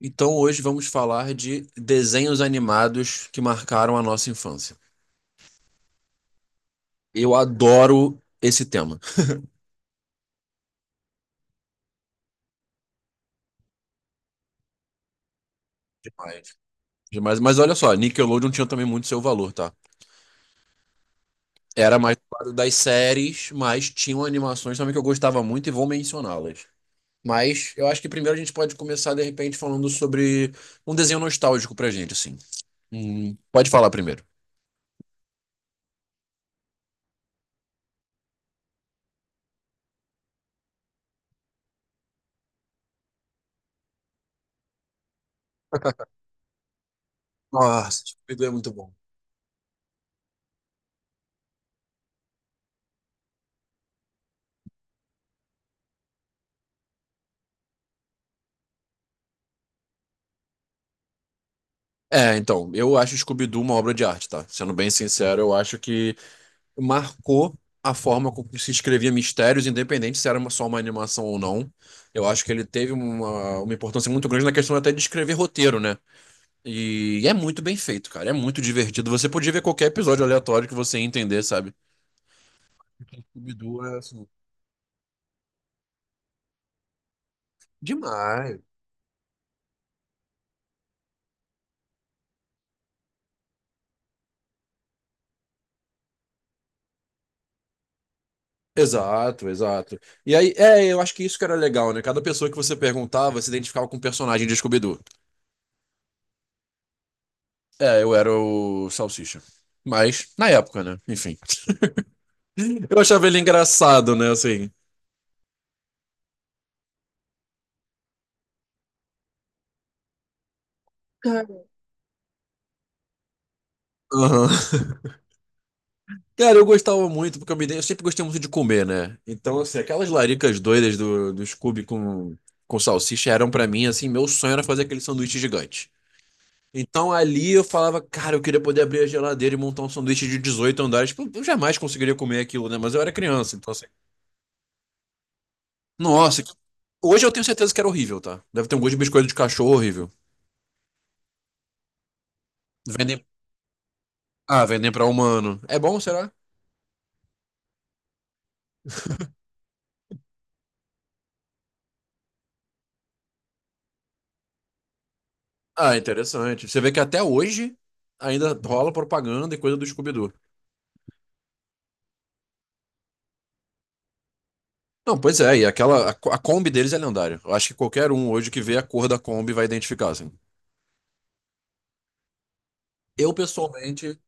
Então hoje vamos falar de desenhos animados que marcaram a nossa infância. Eu adoro esse tema. Demais. Demais. Mas olha só, Nickelodeon tinha também muito seu valor, tá? Era mais do lado das séries, mas tinham animações também que eu gostava muito e vou mencioná-las. Mas eu acho que primeiro a gente pode começar, de repente, falando sobre um desenho nostálgico pra gente, assim. Pode falar primeiro. Nossa, Scooby-Doo é muito bom. É, então, eu acho Scooby-Doo uma obra de arte, tá? Sendo bem sincero, eu acho que marcou a forma como se escrevia mistérios, independente se era só uma animação ou não. Eu acho que ele teve uma importância muito grande na questão até de escrever roteiro, né? E é muito bem feito, cara. É muito divertido. Você podia ver qualquer episódio aleatório que você ia entender, sabe? O Scooby-Doo é assim, demais. Exato, exato. E aí, eu acho que isso que era legal, né? Cada pessoa que você perguntava se identificava com um personagem de Scooby-Doo. É, eu era o Salsicha. Mas, na época, né? Enfim. Eu achava ele engraçado, né? Assim. Aham. Cara, eu gostava muito, porque eu sempre gostei muito de comer, né? Então, assim, aquelas laricas doidas do Scooby com salsicha eram pra mim, assim, meu sonho era fazer aquele sanduíche gigante. Então ali eu falava, cara, eu queria poder abrir a geladeira e montar um sanduíche de 18 andares. Tipo, eu jamais conseguiria comer aquilo, né? Mas eu era criança, então assim. Nossa, hoje eu tenho certeza que era horrível, tá? Deve ter um gosto de biscoito de cachorro horrível. Vendem. Ah, vendem pra humano. É bom, será? Ah, interessante. Você vê que até hoje ainda rola propaganda e coisa do Scooby-Doo. Não, pois é, e aquela, a Kombi deles é lendária. Eu acho que qualquer um hoje que vê a cor da Kombi vai identificar, assim. Eu, pessoalmente,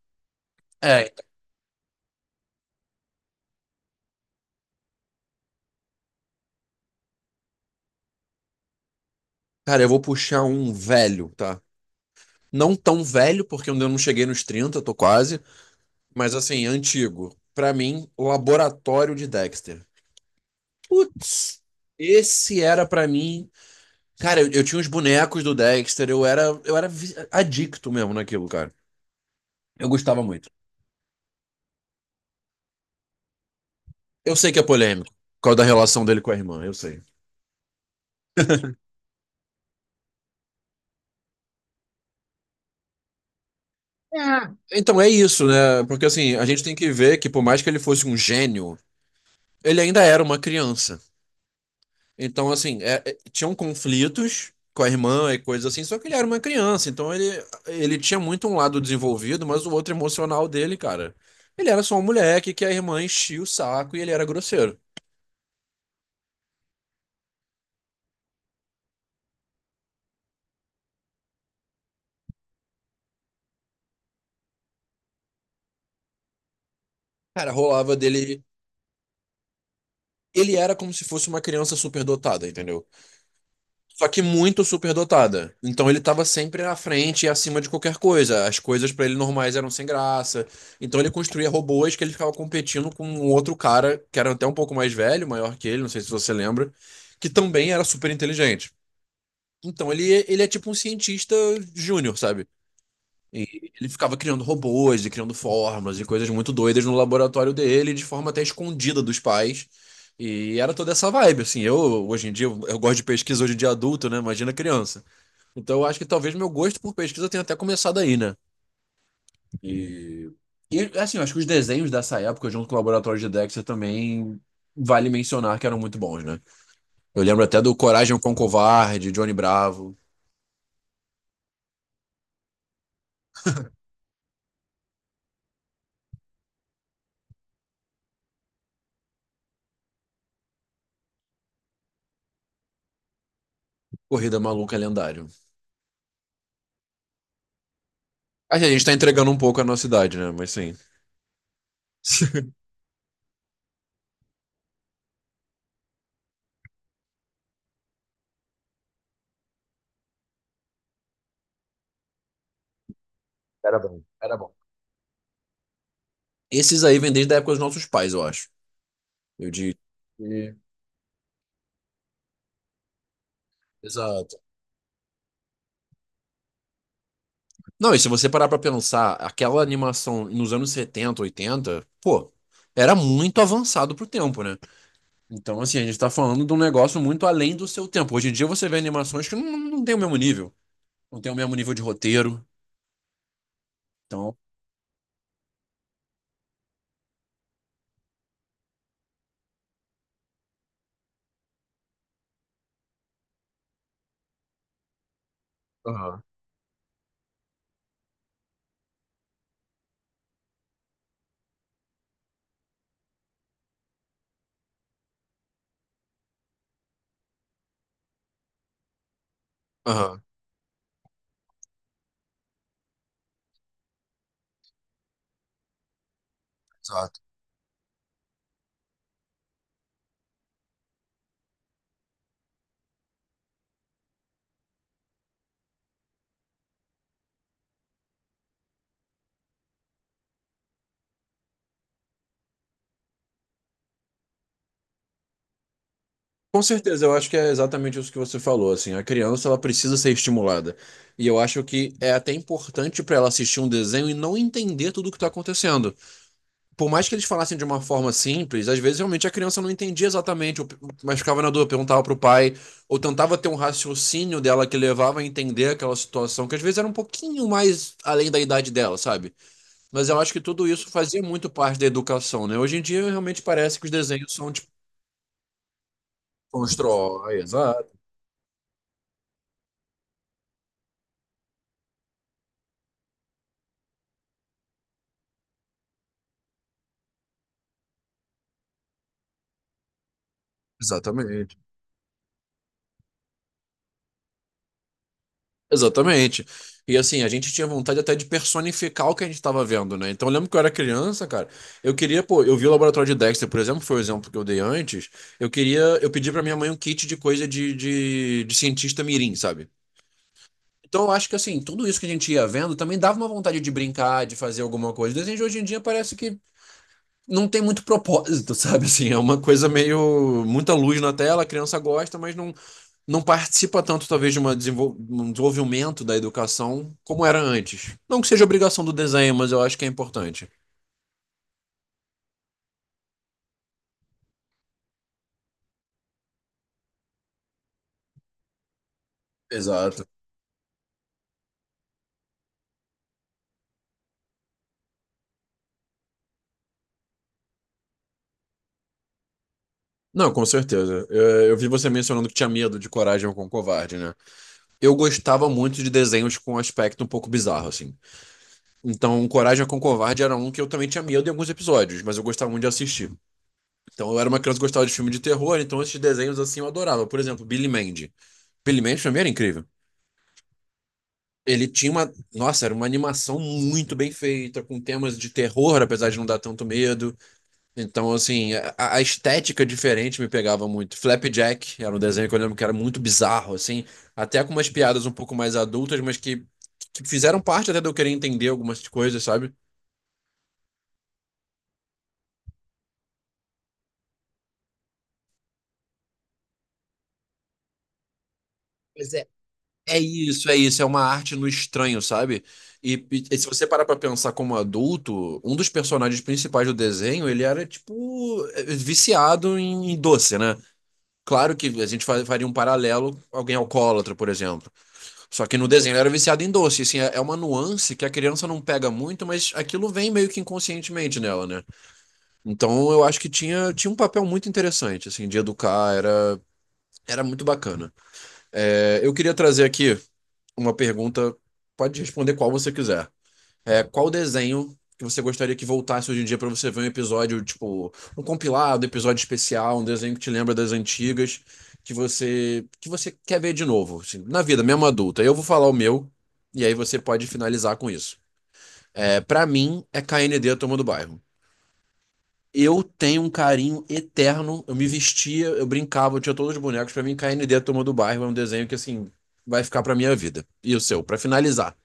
é, cara, eu vou puxar um velho, tá? Não tão velho, porque eu ainda não cheguei nos 30, tô quase, mas assim, antigo. Pra mim, Laboratório de Dexter. Putz, esse era pra mim. Cara, eu tinha os bonecos do Dexter, eu era adicto mesmo naquilo, cara. Eu gostava muito. Eu sei que é polêmico, por causa da relação dele com a irmã, eu sei. Então é isso, né? Porque assim, a gente tem que ver que por mais que ele fosse um gênio, ele ainda era uma criança. Então, assim, tinham conflitos com a irmã e coisas assim, só que ele era uma criança. Então ele tinha muito um lado desenvolvido, mas o outro emocional dele, cara. Ele era só um moleque que a irmã enchia o saco e ele era grosseiro. Cara, rolava dele. Ele era como se fosse uma criança superdotada, entendeu? Só que muito superdotada. Então ele estava sempre à frente e acima de qualquer coisa. As coisas para ele normais eram sem graça. Então ele construía robôs que ele ficava competindo com um outro cara que era até um pouco mais velho, maior que ele, não sei se você lembra, que também era super inteligente. Então ele é tipo um cientista júnior, sabe? E ele ficava criando robôs e criando formas e coisas muito doidas no laboratório dele, de forma até escondida dos pais. E era toda essa vibe, assim. Eu, hoje em dia, eu gosto de pesquisa hoje em dia adulto, né? Imagina criança. Então eu acho que talvez meu gosto por pesquisa tenha até começado aí, né? E, e assim, eu acho que os desenhos dessa época, junto com o Laboratório de Dexter, também vale mencionar que eram muito bons, né? Eu lembro até do Coragem com Covarde, Johnny Bravo, Corrida Maluca Lendário. Acho que a gente tá entregando um pouco a nossa idade, né? Mas sim. Era bom, era bom. Esses aí vêm desde a época dos nossos pais, eu acho. Eu digo. Exato. Não, e se você parar pra pensar, aquela animação nos anos 70, 80, pô, era muito avançado pro tempo, né? Então, assim, a gente tá falando de um negócio muito além do seu tempo. Hoje em dia você vê animações que não tem o mesmo nível. Não tem o mesmo nível de roteiro. Então. Aham, aham, exato. Com certeza, eu acho que é exatamente isso que você falou, assim, a criança ela precisa ser estimulada. E eu acho que é até importante pra ela assistir um desenho e não entender tudo o que tá acontecendo. Por mais que eles falassem de uma forma simples, às vezes realmente a criança não entendia exatamente, mas ficava na dúvida, perguntava pro pai, ou tentava ter um raciocínio dela que levava a entender aquela situação, que às vezes era um pouquinho mais além da idade dela, sabe? Mas eu acho que tudo isso fazia muito parte da educação, né? Hoje em dia realmente parece que os desenhos são tipo. Constrói, exato. Exatamente. Exatamente. E assim, a gente tinha vontade até de personificar o que a gente estava vendo, né? Então, eu lembro que eu era criança, cara. Eu queria, pô, eu vi o laboratório de Dexter, por exemplo, foi o exemplo que eu dei antes. Eu queria, eu pedi pra minha mãe um kit de coisa de cientista mirim, sabe? Então, eu acho que assim, tudo isso que a gente ia vendo também dava uma vontade de brincar, de fazer alguma coisa. O desenho de hoje em dia parece que não tem muito propósito, sabe? Assim, é uma coisa meio muita luz na tela, a criança gosta, mas não participa tanto, talvez, de um desenvolvimento da educação como era antes. Não que seja obrigação do desenho, mas eu acho que é importante. Exato. Não, com certeza. Eu vi você mencionando que tinha medo de Coragem com o Covarde, né? Eu gostava muito de desenhos com um aspecto um pouco bizarro, assim. Então, Coragem com o Covarde era um que eu também tinha medo em alguns episódios, mas eu gostava muito de assistir. Então, eu era uma criança que gostava de filme de terror, então esses desenhos, assim, eu adorava. Por exemplo, Billy Mandy. Billy Mandy, pra mim, era incrível. Ele tinha uma. Nossa, era uma animação muito bem feita, com temas de terror, apesar de não dar tanto medo. Então, assim, a estética diferente me pegava muito. Flapjack era um desenho que eu lembro que era muito bizarro, assim, até com umas piadas um pouco mais adultas, mas que fizeram parte até de eu querer entender algumas coisas, sabe? Pois é. É isso, é isso, é uma arte no estranho, sabe? E se você parar pra pensar como adulto, um dos personagens principais do desenho, ele era tipo viciado em doce, né? Claro que a gente faria um paralelo, alguém alcoólatra, por exemplo. Só que no desenho ele era viciado em doce. Assim, é uma nuance que a criança não pega muito, mas aquilo vem meio que inconscientemente nela, né? Então eu acho que tinha um papel muito interessante, assim, de educar, era muito bacana. É, eu queria trazer aqui uma pergunta, pode responder qual você quiser. É, qual desenho que você gostaria que voltasse hoje em dia para você ver um episódio, tipo, um compilado, episódio especial, um desenho que te lembra das antigas, que você quer ver de novo, assim, na vida, mesmo adulta. Eu vou falar o meu e aí você pode finalizar com isso. É, para mim é KND a Turma do Bairro. Eu tenho um carinho eterno, eu me vestia, eu brincava, eu tinha todos os bonecos. Para mim KND a Turma do Bairro é um desenho que assim vai ficar para minha vida. E o seu, para finalizar.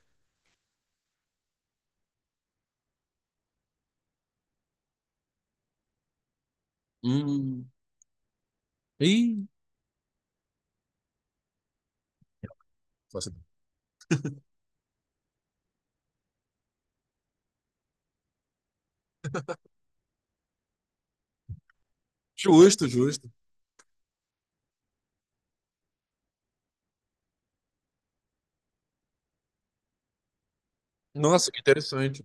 Hum. Ih, justo, justo. Nossa, que interessante.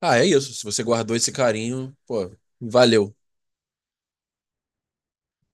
Ah, é isso. Se você guardou esse carinho, pô, valeu.